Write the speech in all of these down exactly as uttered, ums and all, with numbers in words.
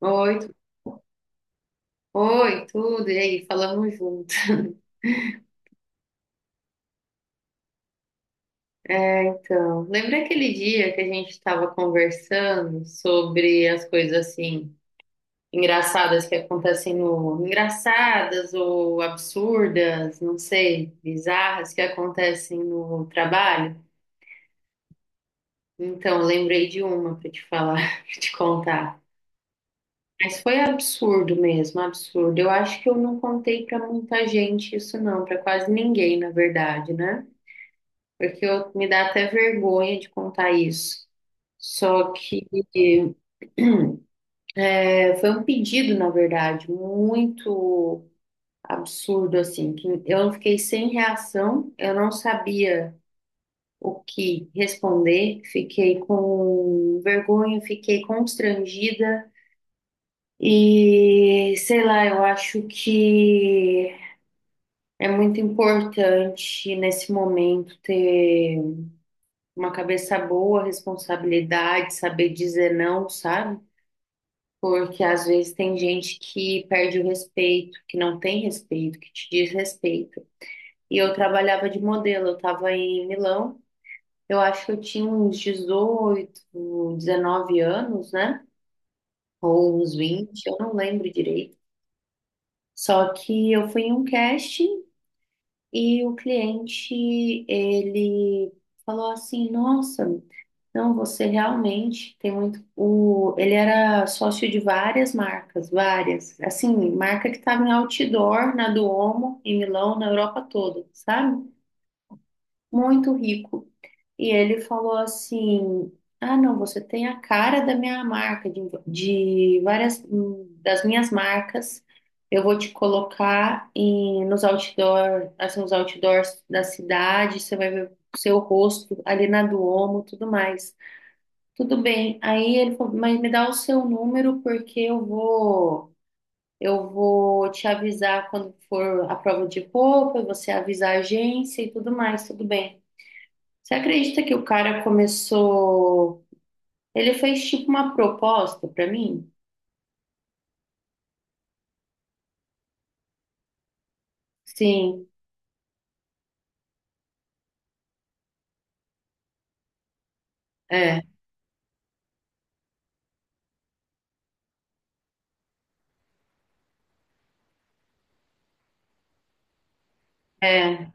Oi, tu- oi, tudo, e aí, falamos junto. É, então, lembra aquele dia que a gente estava conversando sobre as coisas assim engraçadas que acontecem no, engraçadas ou absurdas, não sei, bizarras que acontecem no trabalho? Então, lembrei de uma para te falar, para te contar. Mas foi absurdo mesmo, absurdo. Eu acho que eu não contei para muita gente isso não, para quase ninguém, na verdade, né? Porque eu, me dá até vergonha de contar isso. Só que é, foi um pedido, na verdade, muito absurdo, assim, que eu fiquei sem reação, eu não sabia o que responder, fiquei com vergonha, fiquei constrangida e, sei lá, eu acho que é muito importante nesse momento ter uma cabeça boa, responsabilidade, saber dizer não, sabe? Porque às vezes tem gente que perde o respeito, que não tem respeito, que te desrespeita. E eu trabalhava de modelo, eu estava em Milão, eu acho que eu tinha uns dezoito dezenove anos, né? Ou uns vinte, eu não lembro direito. Só que eu fui em um casting e o cliente, ele falou assim: Nossa, não, você realmente tem muito. O, ele era sócio de várias marcas, várias. Assim, marca que estava em outdoor na Duomo, em Milão, na Europa toda, sabe? Muito rico. E ele falou assim: Ah, não, você tem a cara da minha marca, de, de várias hum, das minhas marcas. Eu vou te colocar em, nos outdoor, assim, nos outdoors da cidade, você vai ver o seu rosto ali na Duomo, tudo mais. Tudo bem. Aí ele falou, mas me dá o seu número porque eu vou, eu vou te avisar quando for a prova de roupa, você avisa a agência e tudo mais, tudo bem. Você acredita que o cara começou? Ele fez tipo uma proposta pra mim? Sim, é, é,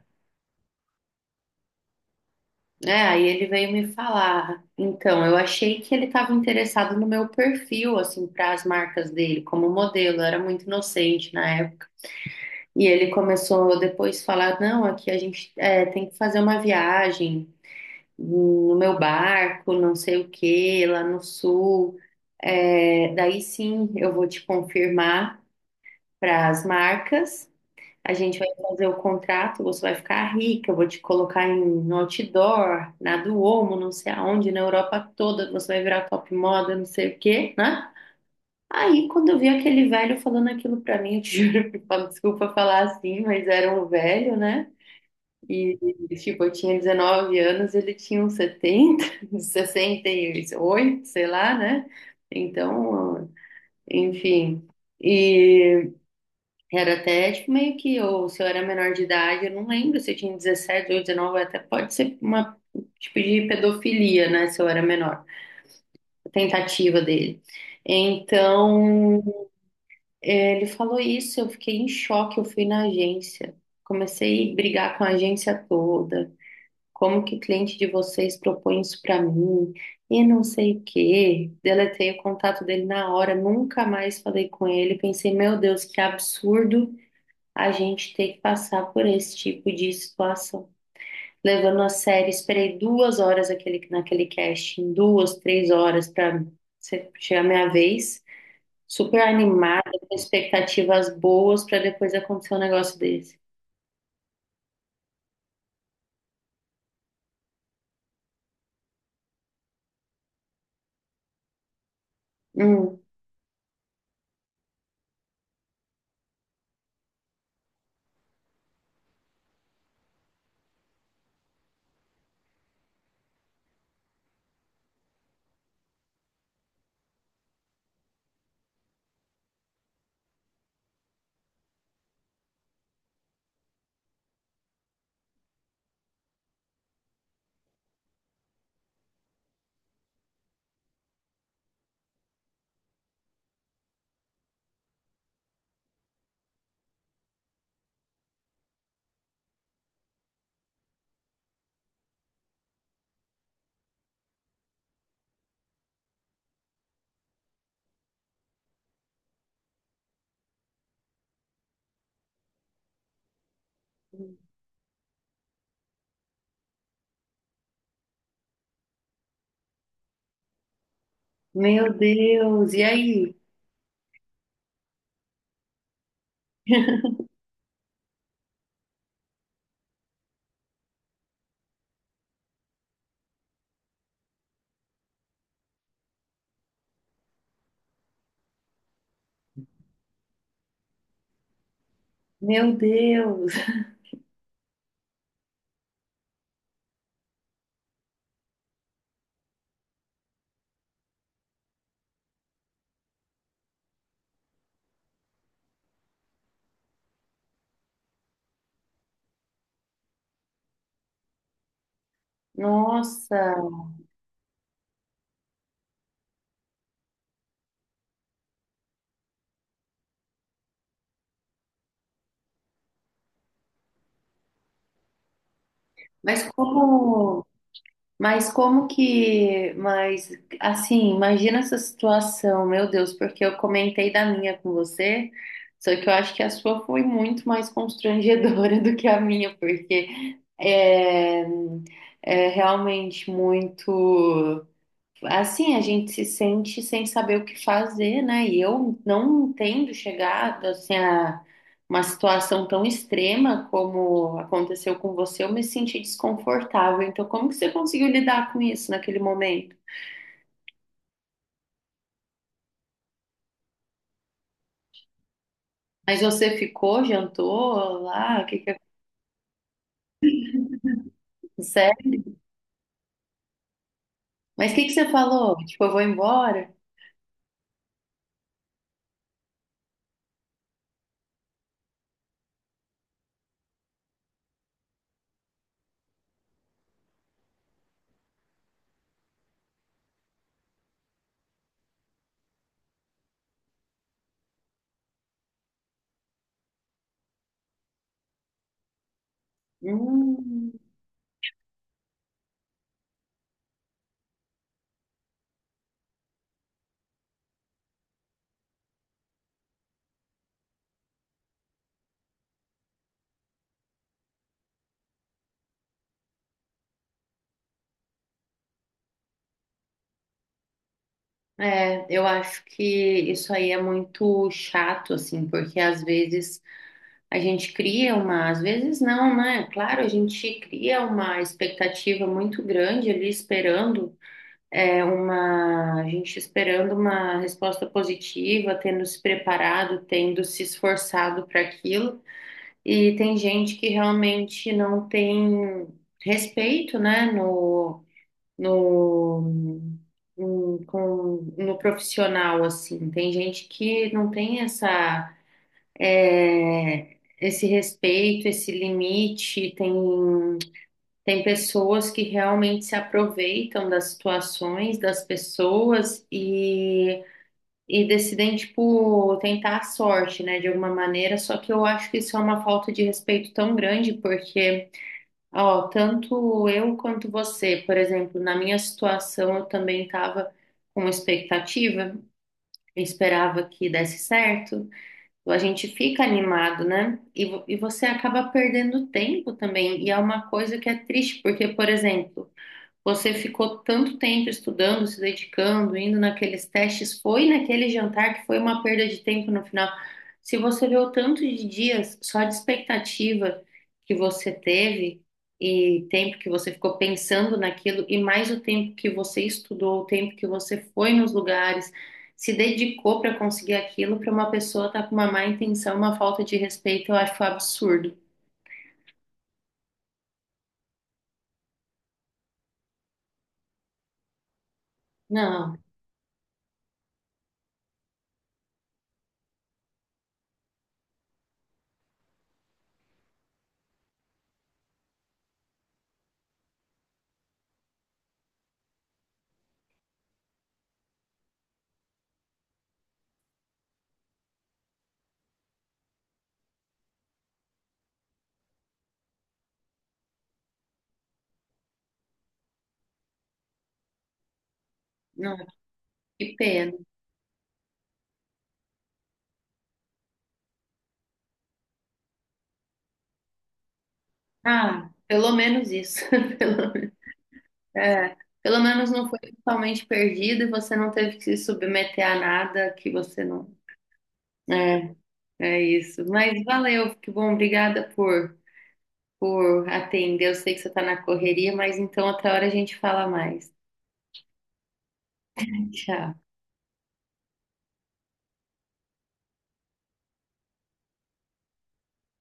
é. Aí ele veio me falar. Então, eu achei que ele estava interessado no meu perfil, assim, para as marcas dele como modelo. Eu era muito inocente na época. E ele começou depois a falar, não, aqui a gente é, tem que fazer uma viagem no meu barco, não sei o quê, lá no sul. É, daí sim eu vou te confirmar para as marcas, a gente vai fazer o contrato, você vai ficar rica, eu vou te colocar em no outdoor, na Duomo, não sei aonde, na Europa toda, você vai virar top moda, não sei o quê, né? Aí, quando eu vi aquele velho falando aquilo pra mim, eu te juro, fala- desculpa falar assim, mas era um velho, né? E, tipo, eu tinha dezenove anos, ele tinha uns setenta, sessenta e oito, sei lá, né? Então, enfim. E era até, tipo, meio que, ou se eu era menor de idade, eu não lembro se eu tinha dezessete, ou dezenove, até pode ser uma, tipo, de pedofilia, né? Se eu era menor, a tentativa dele. Então. É, Ele falou isso, eu fiquei em choque, eu fui na agência. Comecei a brigar com a agência toda. Como que o cliente de vocês propõe isso para mim? E não sei o quê. Deletei o contato dele na hora, nunca mais falei com ele. Pensei, meu Deus, que absurdo a gente ter que passar por esse tipo de situação. Levando a sério, esperei duas horas aquele, naquele casting, duas, três horas para chegar a minha vez. Super animada, com expectativas boas para depois acontecer um negócio desse. Hum. Meu Deus, e aí? Meu Deus, nossa. Mas como, mas como que, mas assim, imagina essa situação, meu Deus, porque eu comentei da minha com você, só que eu acho que a sua foi muito mais constrangedora do que a minha, porque é, é realmente muito. Assim, a gente se sente sem saber o que fazer, né? E eu não entendo chegar assim, a uma situação tão extrema como aconteceu com você, eu me senti desconfortável. Então, como que você conseguiu lidar com isso naquele momento? Mas você ficou, jantou lá, o que que aconteceu? Mas o que que você falou? Tipo, eu vou embora? Hum, é, eu acho que isso aí é muito chato, assim, porque às vezes a gente cria uma, às vezes não, né? Claro, a gente cria uma expectativa muito grande ali esperando é, uma, a gente esperando uma resposta positiva, tendo se preparado, tendo se esforçado para aquilo. E tem gente que realmente não tem respeito, né, no, no, no, com, no profissional, assim. Tem gente que não tem essa é, esse respeito, esse limite. Tem, tem pessoas que realmente se aproveitam das situações, das pessoas e, e decidem, tipo, tentar a sorte, né, de alguma maneira. Só que eu acho que isso é uma falta de respeito tão grande, porque. Ó, tanto eu quanto você, por exemplo, na minha situação, eu também estava com expectativa, eu esperava que desse certo, a gente fica animado, né? E, vo- e você acaba perdendo tempo também. E é uma coisa que é triste, porque, por exemplo, você ficou tanto tempo estudando, se dedicando, indo naqueles testes, foi naquele jantar que foi uma perda de tempo no final. Se você vê o tanto de dias só de expectativa que você teve e tempo que você ficou pensando naquilo e mais o tempo que você estudou, o tempo que você foi nos lugares, se dedicou para conseguir aquilo, para uma pessoa estar com uma má intenção, uma falta de respeito, eu acho absurdo. Não, não, que pena. Ah, pelo menos isso. Pelo É, pelo menos não foi totalmente perdido e você não teve que se submeter a nada que você não. É, é isso. Mas valeu, que bom, obrigada por, por atender. Eu sei que você está na correria, mas então outra hora a gente fala mais. Tchau.